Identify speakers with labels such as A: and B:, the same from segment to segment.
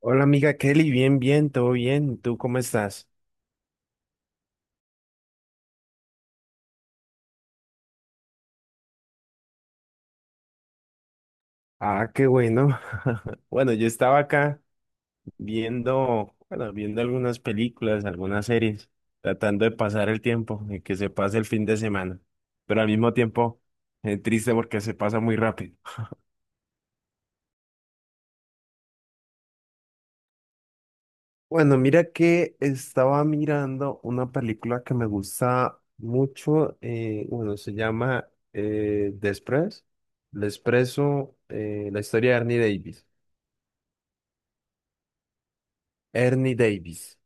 A: Hola amiga Kelly, bien, todo bien. ¿Tú cómo estás? Ah, qué bueno. Bueno, yo estaba acá viendo algunas películas, algunas series, tratando de pasar el tiempo, y que se pase el fin de semana, pero al mismo tiempo triste porque se pasa muy rápido. Bueno, mira que estaba mirando una película que me gusta mucho, se llama The Express, The Expreso, la historia de Ernie Davis. Ernie Davis.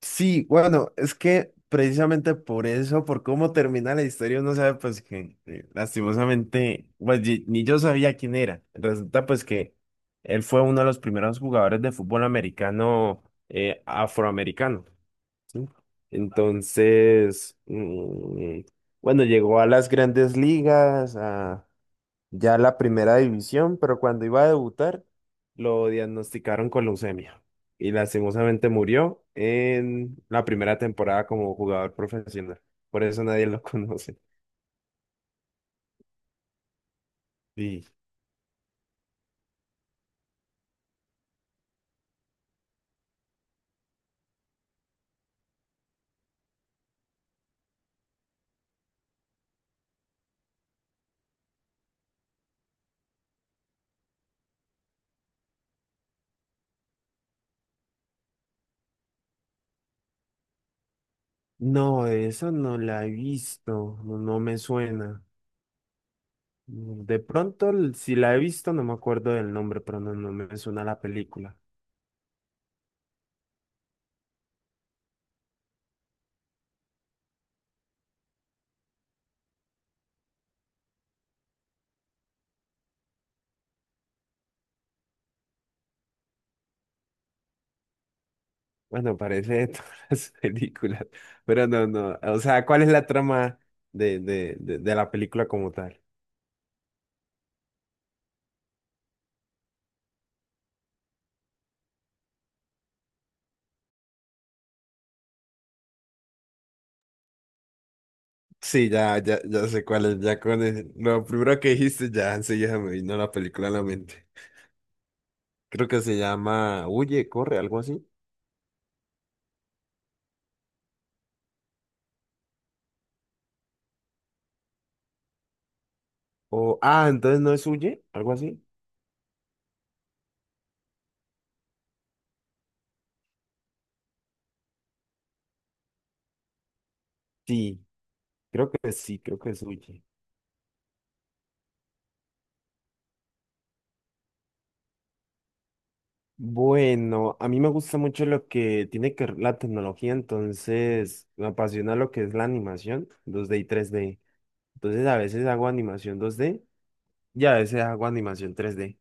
A: Sí, bueno, es que precisamente por eso, por cómo termina la historia, uno sabe pues que lastimosamente, pues ni yo sabía quién era. Resulta pues que él fue uno de los primeros jugadores de fútbol americano afroamericano, ¿sí? Entonces, bueno, llegó a las grandes ligas, a ya la primera división, pero cuando iba a debutar lo diagnosticaron con leucemia y lastimosamente murió en la primera temporada como jugador profesional. Por eso nadie lo conoce. Sí. No, eso no la he visto, no, no me suena. De pronto, si la he visto, no me acuerdo del nombre, pero no, no me suena la película. Bueno, parece de todas las películas, pero no, no. O sea, ¿cuál es la trama de la película como tal? Sí, ya sé cuál es, ya con lo primero que dijiste, ya enseguida me vino la película a la mente. Creo que se llama Huye, corre, algo así. O, ah, entonces no es Huye, algo así. Sí, sí, creo que es Huye. Bueno, a mí me gusta mucho lo que tiene que ver la tecnología, entonces me apasiona lo que es la animación 2D y 3D. Entonces a veces hago animación 2D y a veces hago animación 3D.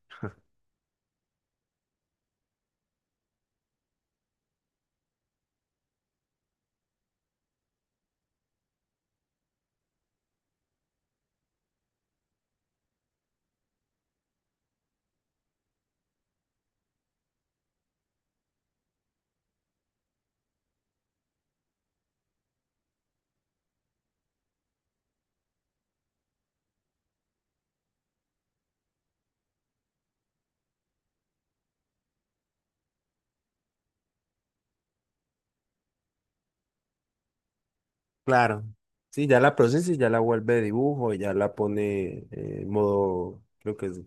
A: Claro. Sí, ya la procesa y ya la vuelve dibujo, y ya la pone en modo, creo que es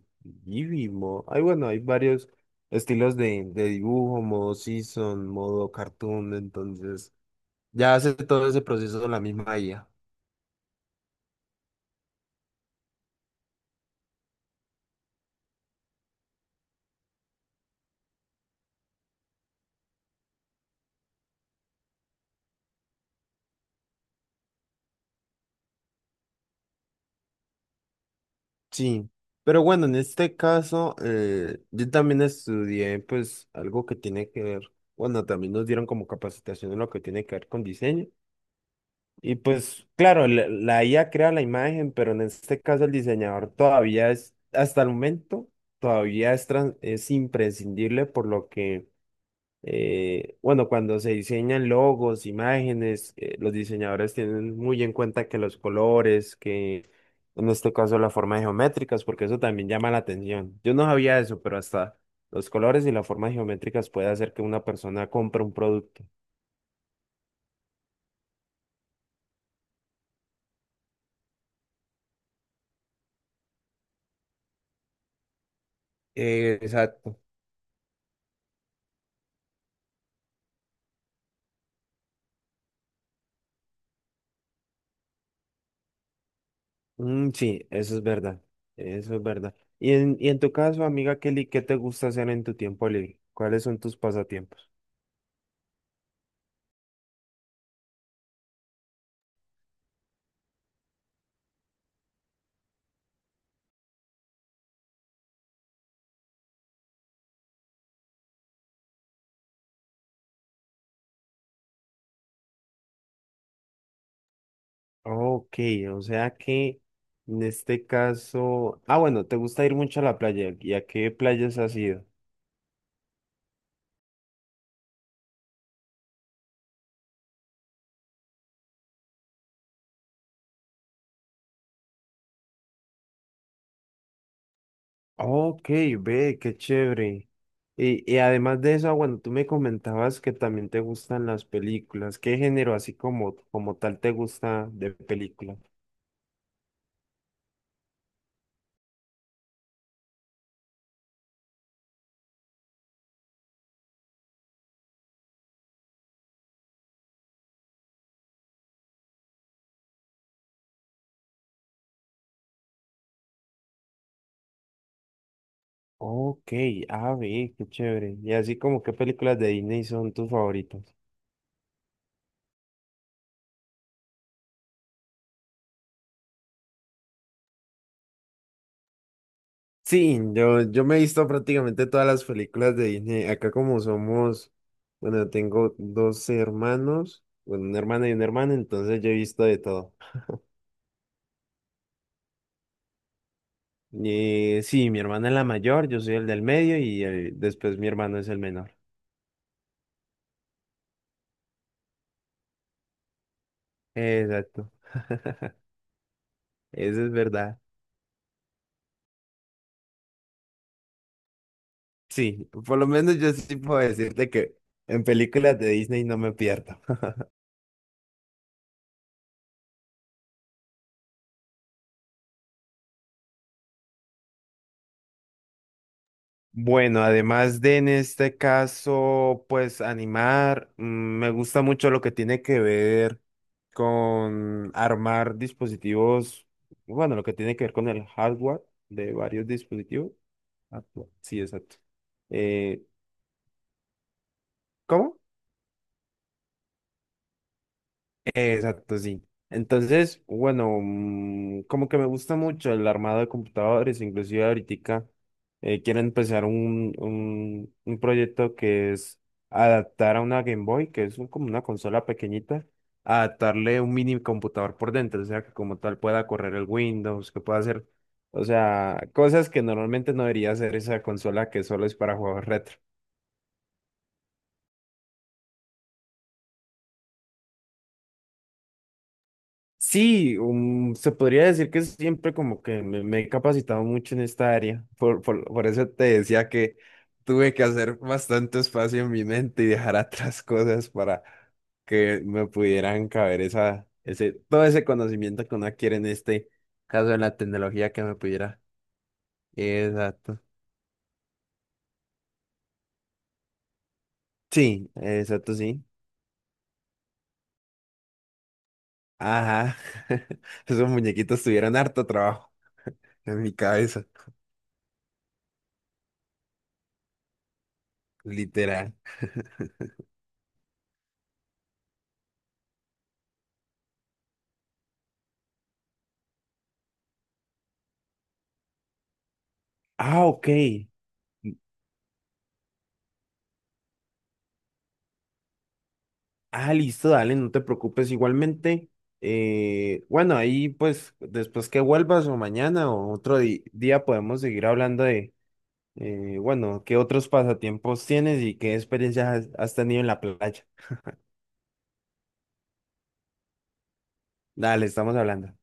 A: Eevee, modo, ay, bueno, hay varios estilos de dibujo, modo season, modo cartoon, entonces ya hace todo ese proceso la misma IA. Sí, pero bueno, en este caso yo también estudié pues algo que tiene que ver, bueno, también nos dieron como capacitación en lo que tiene que ver con diseño. Y pues, claro, la IA crea la imagen, pero en este caso el diseñador todavía es, hasta el momento, todavía es, es imprescindible por lo que, bueno, cuando se diseñan logos, imágenes, los diseñadores tienen muy en cuenta que los colores, que en este caso las formas geométricas, porque eso también llama la atención. Yo no sabía eso, pero hasta los colores y las formas geométricas puede hacer que una persona compre un producto. Exacto. Mm, sí, eso es verdad. Eso es verdad. Y en tu caso, amiga Kelly, ¿qué te gusta hacer en tu tiempo libre? ¿Cuáles son tus pasatiempos? Ok, o sea que en este caso. Ah, bueno, te gusta ir mucho a la playa. ¿Y a qué playas has ido? Ok, ve, qué chévere. Y además de eso, ah, bueno, tú me comentabas que también te gustan las películas. ¿Qué género así como, como tal te gusta de película? Ok, a ver, qué chévere. Y así como qué películas de Disney son tus favoritas. Sí, yo me he visto prácticamente todas las películas de Disney. Acá como somos, bueno, tengo dos hermanos, bueno, una hermana y una hermana, entonces yo he visto de todo. Y sí, mi hermana es la mayor, yo soy el del medio y después mi hermano es el menor. Exacto. Eso es verdad. Sí, por lo menos yo sí puedo decirte que en películas de Disney no me pierdo. Bueno, además de en este caso, pues animar, mm, me gusta mucho lo que tiene que ver con armar dispositivos, bueno, lo que tiene que ver con el hardware de varios dispositivos. Ah, no, sí, exacto. Eh, ¿Cómo? Exacto, sí. Entonces, bueno, mm, como que me gusta mucho el armado de computadores, inclusive ahorita quiero empezar un proyecto que es adaptar a una Game Boy, que es como una consola pequeñita, adaptarle un mini computador por dentro, o sea, que como tal pueda correr el Windows, que pueda hacer, o sea, cosas que normalmente no debería hacer esa consola que solo es para juegos retro. Sí, se podría decir que siempre como que me he capacitado mucho en esta área. Por eso te decía que tuve que hacer bastante espacio en mi mente y dejar atrás cosas para que me pudieran caber todo ese conocimiento que uno adquiere en este caso de la tecnología que me pudiera. Exacto. Sí, exacto, sí. Ajá. Esos muñequitos tuvieron harto trabajo en mi cabeza, literal. Ah, ok. Ah, listo, dale, no te preocupes. Igualmente, bueno, ahí pues después que vuelvas o mañana o otro día podemos seguir hablando de, bueno, qué otros pasatiempos tienes y qué experiencias has tenido en la playa. Dale, estamos hablando.